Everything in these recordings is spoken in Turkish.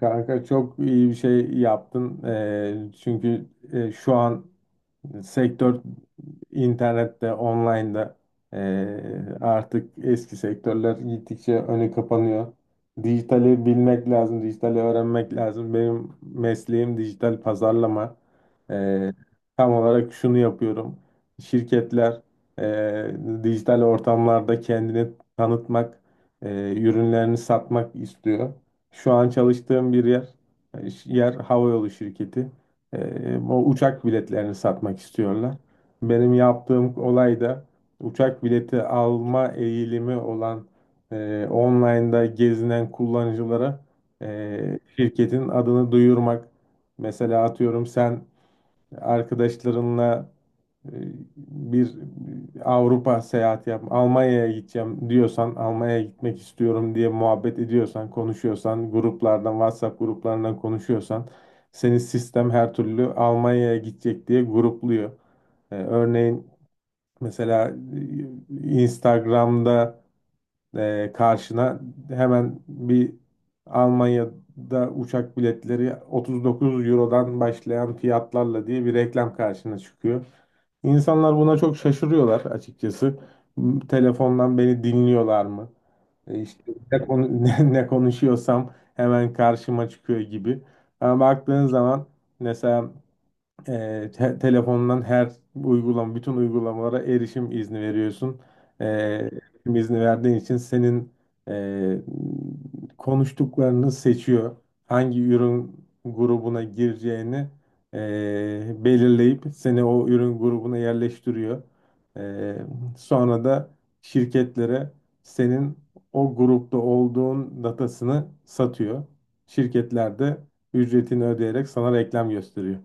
Kanka çok iyi bir şey yaptın. Çünkü şu an sektör internette, online'da. Artık eski sektörler gittikçe önü kapanıyor. Dijitali bilmek lazım, dijitali öğrenmek lazım. Benim mesleğim dijital pazarlama. Eee, Tam olarak şunu yapıyorum. Şirketler dijital ortamlarda kendini tanıtmak, ürünlerini satmak istiyor. Şu an çalıştığım bir yer havayolu şirketi. O uçak biletlerini satmak istiyorlar. Benim yaptığım olay da uçak bileti alma eğilimi olan online'da gezinen kullanıcılara şirketin adını duyurmak. Mesela atıyorum sen arkadaşlarınla e, bir Avrupa seyahati yap, Almanya'ya gideceğim diyorsan, Almanya'ya gitmek istiyorum diye muhabbet ediyorsan, konuşuyorsan, gruplardan, WhatsApp gruplarından konuşuyorsan, seni sistem her türlü Almanya'ya gidecek diye grupluyor. Örneğin mesela Instagram'da karşına hemen bir Almanya'da uçak biletleri 39 Euro'dan başlayan fiyatlarla diye bir reklam karşına çıkıyor. İnsanlar buna çok şaşırıyorlar açıkçası. Telefondan beni dinliyorlar mı? İşte ne konuşuyorsam hemen karşıma çıkıyor gibi. Ama baktığın zaman mesela telefondan her uygulama, bütün uygulamalara erişim izni veriyorsun. Evet. Erişim izni verdiğin için senin e, konuştuklarını seçiyor. Hangi ürün grubuna gireceğini belirleyip seni o ürün grubuna yerleştiriyor. E, Sonra da şirketlere senin o grupta olduğun datasını satıyor. Şirketler de ücretini ödeyerek sana reklam gösteriyor.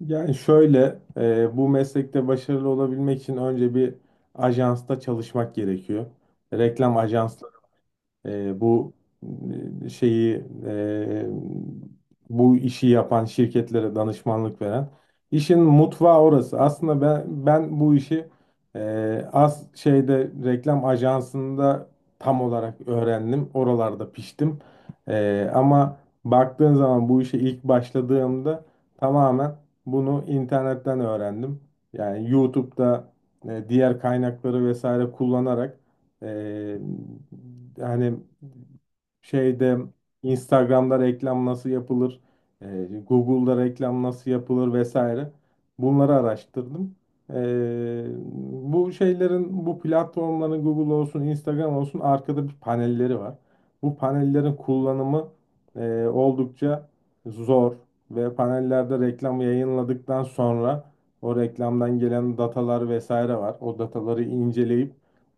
Yani şöyle, bu meslekte başarılı olabilmek için önce bir ajansta çalışmak gerekiyor. Reklam e, bu e, şeyi e, Bu işi yapan şirketlere danışmanlık veren işin mutfağı orası. Aslında ben bu işi az şeyde reklam ajansında tam olarak öğrendim. Oralarda piştim. Ama baktığın zaman bu işe ilk başladığımda tamamen bunu internetten öğrendim. Yani YouTube'da diğer kaynakları vesaire kullanarak ee, yani şeyde Instagram'da reklam nasıl yapılır, Google'da reklam nasıl yapılır vesaire. Bunları araştırdım. Ee, Bu şeylerin, bu platformların Google olsun, Instagram olsun arkada bir panelleri var. Bu panellerin kullanımı oldukça zor ve panellerde reklam yayınladıktan sonra o reklamdan gelen datalar vesaire var. O dataları inceleyip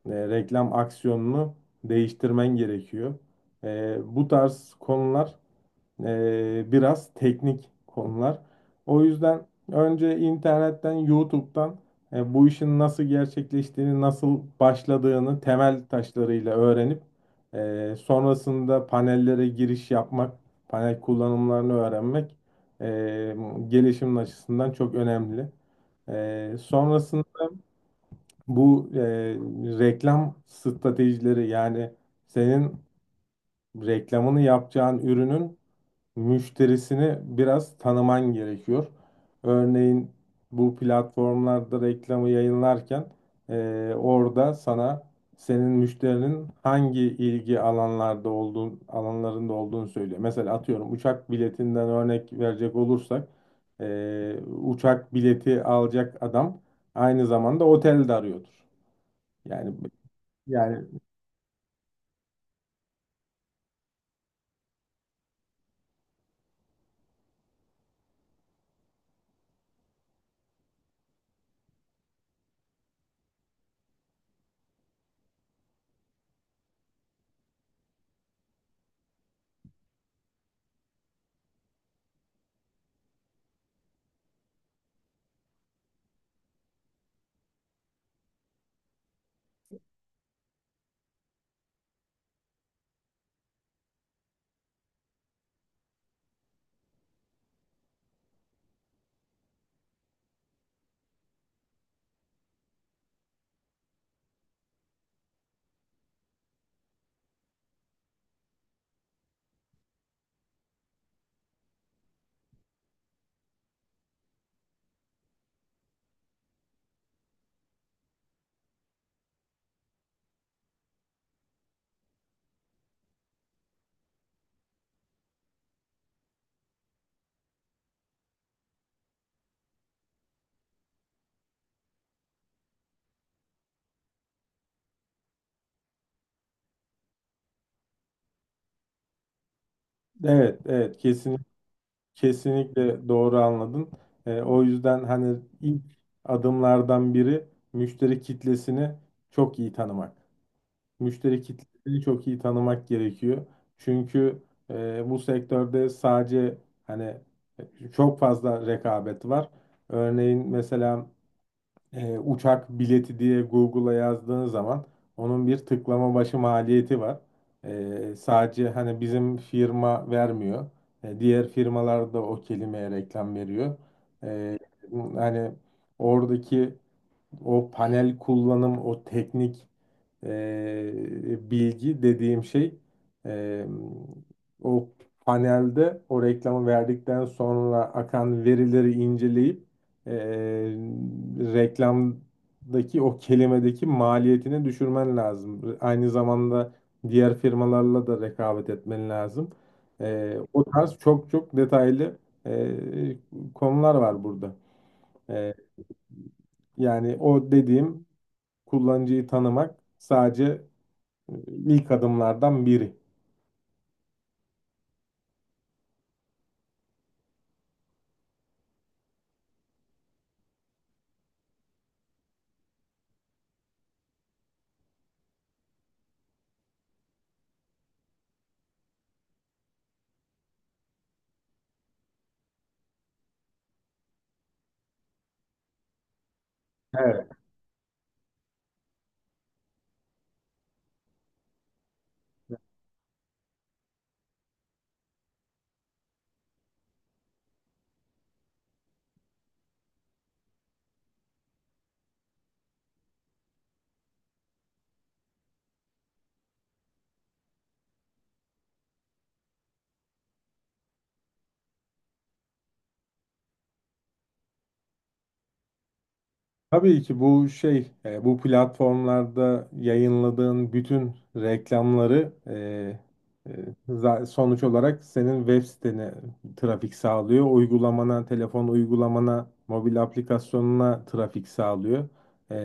reklam aksiyonunu değiştirmen gerekiyor. Bu tarz konular biraz teknik konular. O yüzden önce internetten, YouTube'dan bu işin nasıl gerçekleştiğini, nasıl başladığını temel taşlarıyla öğrenip sonrasında panellere giriş yapmak, panel kullanımlarını öğrenmek e, gelişimin açısından çok önemli. Sonrasında bu reklam stratejileri, yani senin reklamını yapacağın ürünün müşterisini biraz tanıman gerekiyor. Örneğin bu platformlarda reklamı yayınlarken orada sana senin müşterinin hangi ilgi alanlarda olduğun alanlarında olduğunu söylüyor. Mesela atıyorum uçak biletinden örnek verecek olursak e, uçak bileti alacak adam aynı zamanda otel de arıyordur. Yani yani evet, evet, kesin, kesinlikle doğru anladın. O yüzden hani ilk adımlardan biri müşteri kitlesini çok iyi tanımak. Müşteri kitlesini çok iyi tanımak gerekiyor. Çünkü bu sektörde sadece hani çok fazla rekabet var. Örneğin mesela uçak bileti diye Google'a yazdığın zaman onun bir tıklama başı maliyeti var. Sadece hani bizim firma vermiyor. Diğer firmalar da o kelimeye reklam veriyor. E, Hani oradaki o panel kullanım, o teknik bilgi dediğim şey, e, o panelde o reklamı verdikten sonra akan verileri inceleyip e, reklamdaki o kelimedeki maliyetini düşürmen lazım. Aynı zamanda diğer firmalarla da rekabet etmen lazım. O tarz çok çok detaylı e, konular var burada. E, Yani o dediğim kullanıcıyı tanımak sadece e, ilk adımlardan biri. Evet. Tabii ki bu şey, bu platformlarda yayınladığın bütün reklamları e, sonuç olarak senin web sitene trafik sağlıyor. Uygulamana, telefon uygulamana, mobil aplikasyonuna trafik sağlıyor.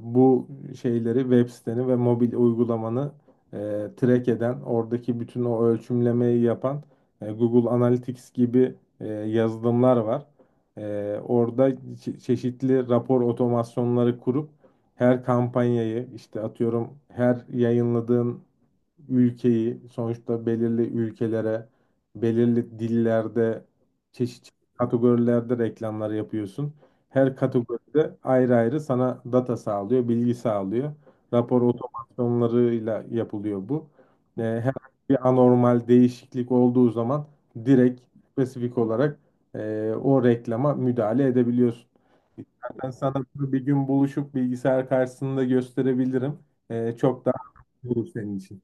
Bu şeyleri, web siteni ve mobil uygulamanı e, track eden, oradaki bütün o ölçümlemeyi yapan Google Analytics gibi yazılımlar var. Orada çeşitli rapor otomasyonları kurup her kampanyayı, işte atıyorum her yayınladığın ülkeyi, sonuçta belirli ülkelere, belirli dillerde, çeşitli kategorilerde reklamlar yapıyorsun. Her kategoride ayrı ayrı sana data sağlıyor, bilgi sağlıyor. Rapor otomasyonlarıyla yapılıyor bu. Her bir anormal değişiklik olduğu zaman direkt spesifik olarak o reklama müdahale edebiliyorsun. İstersen sana bunu bir gün buluşup bilgisayar karşısında gösterebilirim. Çok daha olur senin için.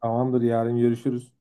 Tamamdır, yarın görüşürüz.